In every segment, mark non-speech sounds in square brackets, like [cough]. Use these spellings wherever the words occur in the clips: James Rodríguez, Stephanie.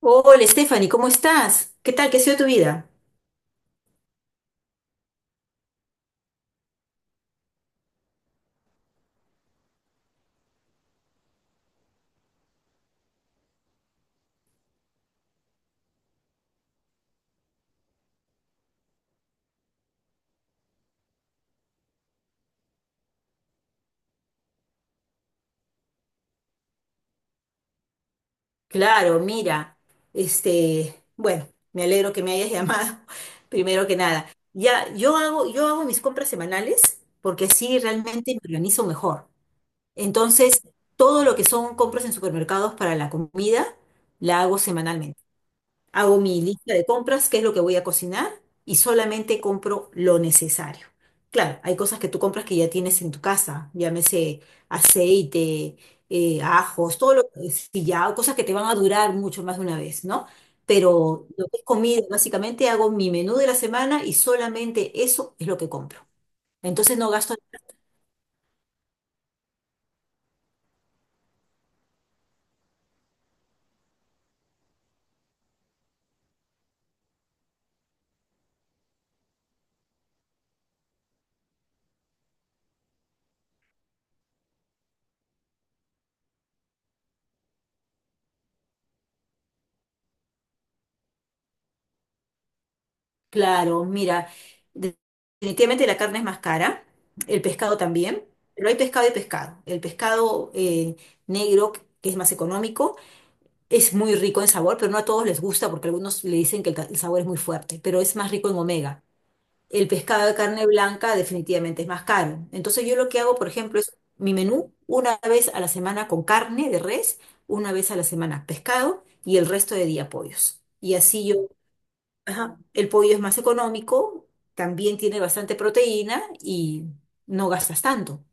Hola, Stephanie, ¿cómo estás? ¿Qué tal? ¿Qué ha sido tu vida? Claro, mira, bueno, me alegro que me hayas llamado, [laughs] primero que nada. Ya, yo hago mis compras semanales porque así realmente me organizo mejor. Entonces, todo lo que son compras en supermercados para la comida, la hago semanalmente. Hago mi lista de compras, qué es lo que voy a cocinar y solamente compro lo necesario. Claro, hay cosas que tú compras que ya tienes en tu casa, llámese aceite, ajos, todo lo que si ya, cosas que te van a durar mucho más de una vez, ¿no? Pero lo que es comida, básicamente hago mi menú de la semana y solamente eso es lo que compro. Entonces no gasto. Claro, mira, de- definitivamente la carne es más cara, el pescado también, pero hay pescado y pescado. El pescado negro, que es más económico, es muy rico en sabor, pero no a todos les gusta porque algunos le dicen que el sabor es muy fuerte, pero es más rico en omega. El pescado de carne blanca definitivamente es más caro. Entonces yo lo que hago, por ejemplo, es mi menú una vez a la semana con carne de res, una vez a la semana pescado y el resto de día pollos. Y así yo. Ajá, el pollo es más económico, también tiene bastante proteína y no gastas tanto.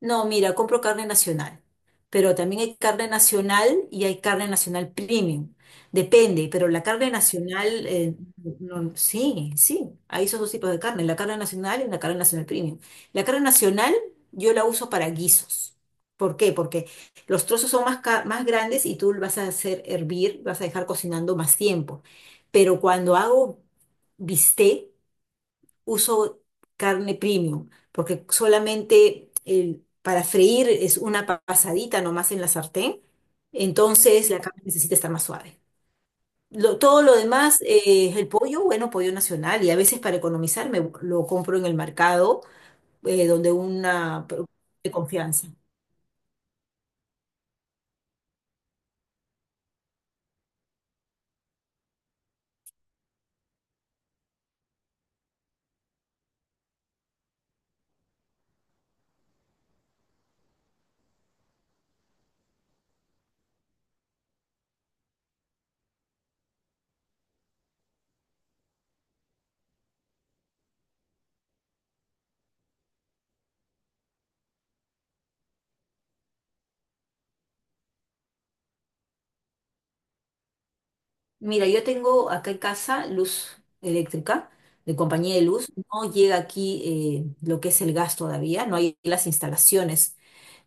No, mira, compro carne nacional, pero también hay carne nacional y hay carne nacional premium. Depende, pero la carne nacional, no, sí, sí, hay esos dos tipos de carne, la carne nacional y la carne nacional premium. La carne nacional yo la uso para guisos. ¿Por qué? Porque los trozos son más, más grandes y tú lo vas a hacer hervir, vas a dejar cocinando más tiempo. Pero cuando hago bistec, uso carne premium, porque solamente para freír es una pasadita nomás en la sartén, entonces la carne necesita estar más suave. Todo lo demás, el pollo, bueno, pollo nacional, y a veces para economizar me lo compro en el mercado, donde una de confianza. Mira, yo tengo acá en casa luz eléctrica de compañía de luz. No llega aquí, lo que es el gas todavía, no hay las instalaciones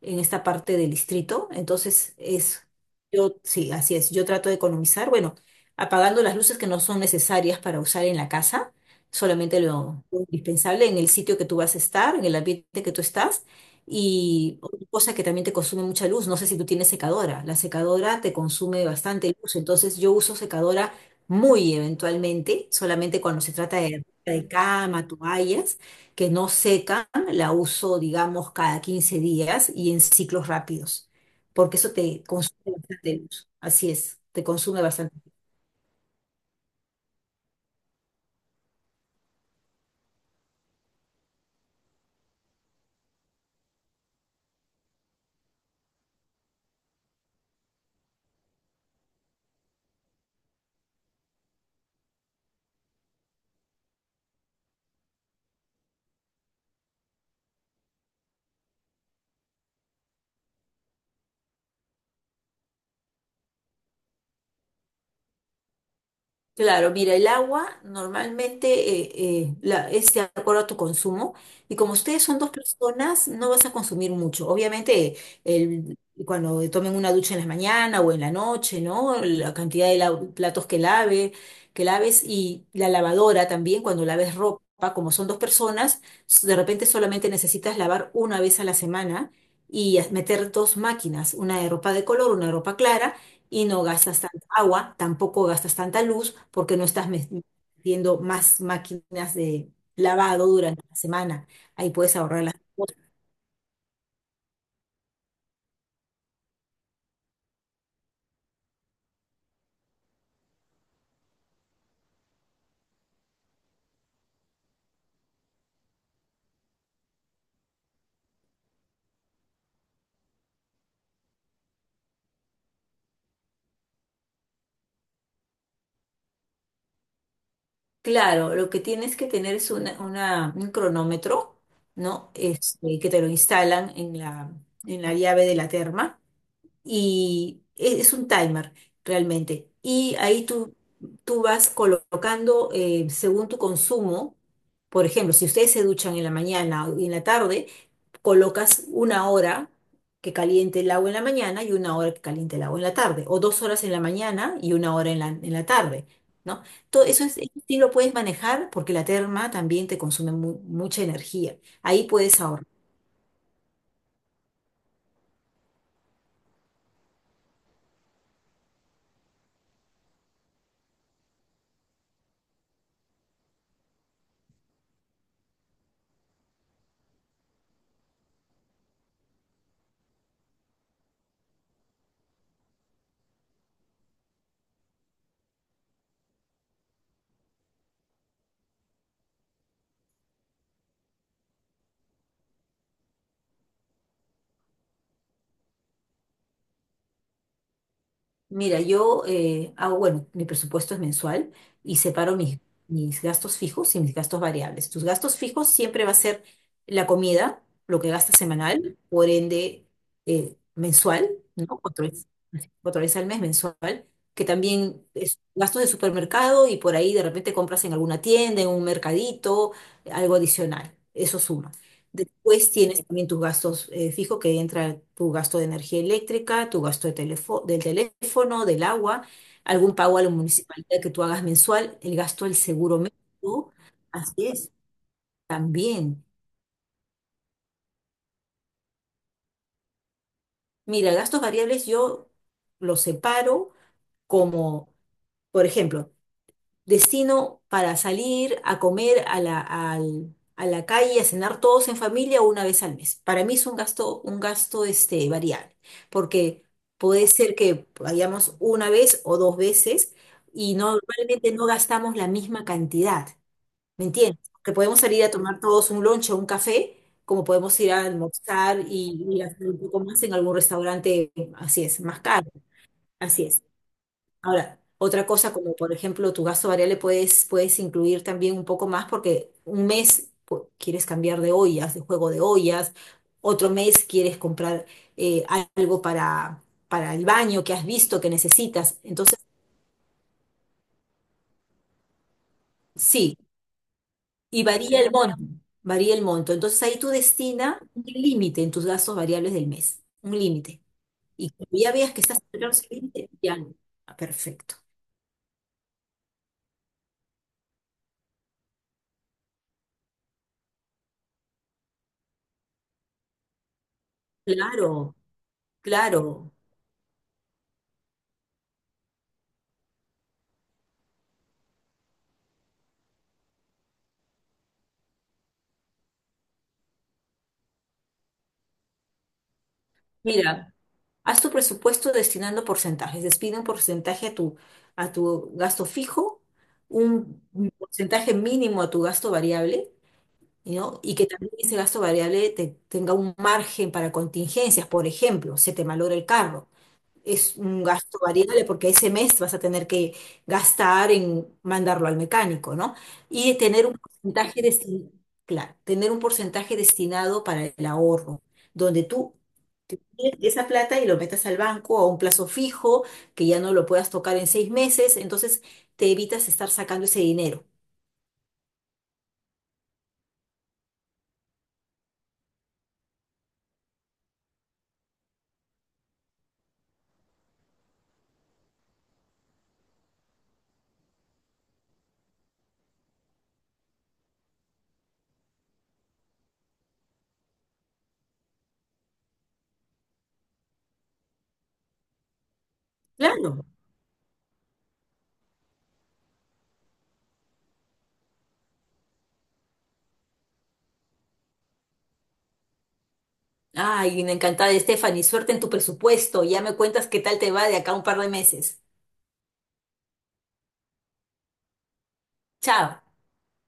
en esta parte del distrito. Entonces, es, yo, sí, así es. Yo trato de economizar, bueno, apagando las luces que no son necesarias para usar en la casa, solamente lo indispensable en el sitio que tú vas a estar, en el ambiente que tú estás. Y otra cosa que también te consume mucha luz. No sé si tú tienes secadora, la secadora te consume bastante luz, entonces yo uso secadora muy eventualmente, solamente cuando se trata de cama, toallas, que no seca, la uso, digamos, cada 15 días y en ciclos rápidos, porque eso te consume bastante luz. Así es, te consume bastante. Claro, mira, el agua normalmente es de acuerdo a tu consumo y como ustedes son dos personas, no vas a consumir mucho. Obviamente, el- cuando tomen una ducha en la mañana o en la noche, ¿no? La cantidad de platos que que laves y la lavadora también, cuando laves ropa, como son dos personas, de repente solamente necesitas lavar una vez a la semana y meter dos máquinas, una de ropa de color, una de ropa clara y no gastas tanta agua, tampoco gastas tanta luz porque no estás metiendo más máquinas de lavado durante la semana. Ahí puedes ahorrar las cosas. Claro, lo que tienes que tener es un cronómetro, ¿no? Que te lo instalan en la llave de la terma y es un timer realmente. Y ahí tú vas colocando según tu consumo. Por ejemplo, si ustedes se duchan en la mañana y en la tarde, colocas una hora que caliente el agua en la mañana y una hora que caliente el agua en la tarde, o 2 horas en la mañana y una hora en la tarde, ¿no? Todo eso es, eso sí lo puedes manejar porque la terma también te consume mucha energía. Ahí puedes ahorrar. Mira, yo hago, bueno, mi presupuesto es mensual y separo mis gastos fijos y mis gastos variables. Tus gastos fijos siempre va a ser la comida, lo que gastas semanal, por ende mensual, ¿no? Cuatro veces al mes mensual, que también es gastos de supermercado y por ahí de repente compras en alguna tienda, en un mercadito, algo adicional. Eso suma. Después tienes también tus gastos fijos, que entra tu gasto de energía eléctrica, tu gasto del teléfono, del agua, algún pago a la municipalidad que tú hagas mensual, el gasto del seguro médico. Así es, también. Mira, gastos variables yo los separo como, por ejemplo, destino para salir a comer a la calle, a cenar todos en familia una vez al mes. Para mí es un gasto variable, porque puede ser que vayamos una vez o dos veces y normalmente no gastamos la misma cantidad, ¿me entiendes? Que podemos salir a tomar todos un lunch o un café, como podemos ir a almorzar y hacer un poco más en algún restaurante, así es, más caro, así es. Ahora, otra cosa como por ejemplo tu gasto variable puedes incluir también un poco más porque un mes quieres cambiar de ollas, de juego de ollas, otro mes quieres comprar eh, algo para el baño que has visto que necesitas. Entonces, sí, y varía el monto, varía el monto. Entonces ahí tú destina un límite en tus gastos variables del mes, un límite. Y cuando ya veas que estás cerca de ese límite, ya, no. Ah, perfecto. Claro, claro. Mira. Haz tu presupuesto destinando porcentajes. Despide un porcentaje a tu gasto fijo, un porcentaje mínimo a tu gasto variable, ¿no? Y que también ese gasto variable tenga un margen para contingencias. Por ejemplo, se te malora el carro, es un gasto variable porque ese mes vas a tener que gastar en mandarlo al mecánico, ¿no? Y tener un porcentaje destinado, claro, tener un porcentaje destinado para el ahorro, donde tú te pides esa plata y lo metas al banco a un plazo fijo, que ya no lo puedas tocar en 6 meses, entonces te evitas estar sacando ese dinero. Claro. Ay, encantada, Stephanie. Suerte en tu presupuesto. Ya me cuentas qué tal te va de acá a un par de meses. Chao.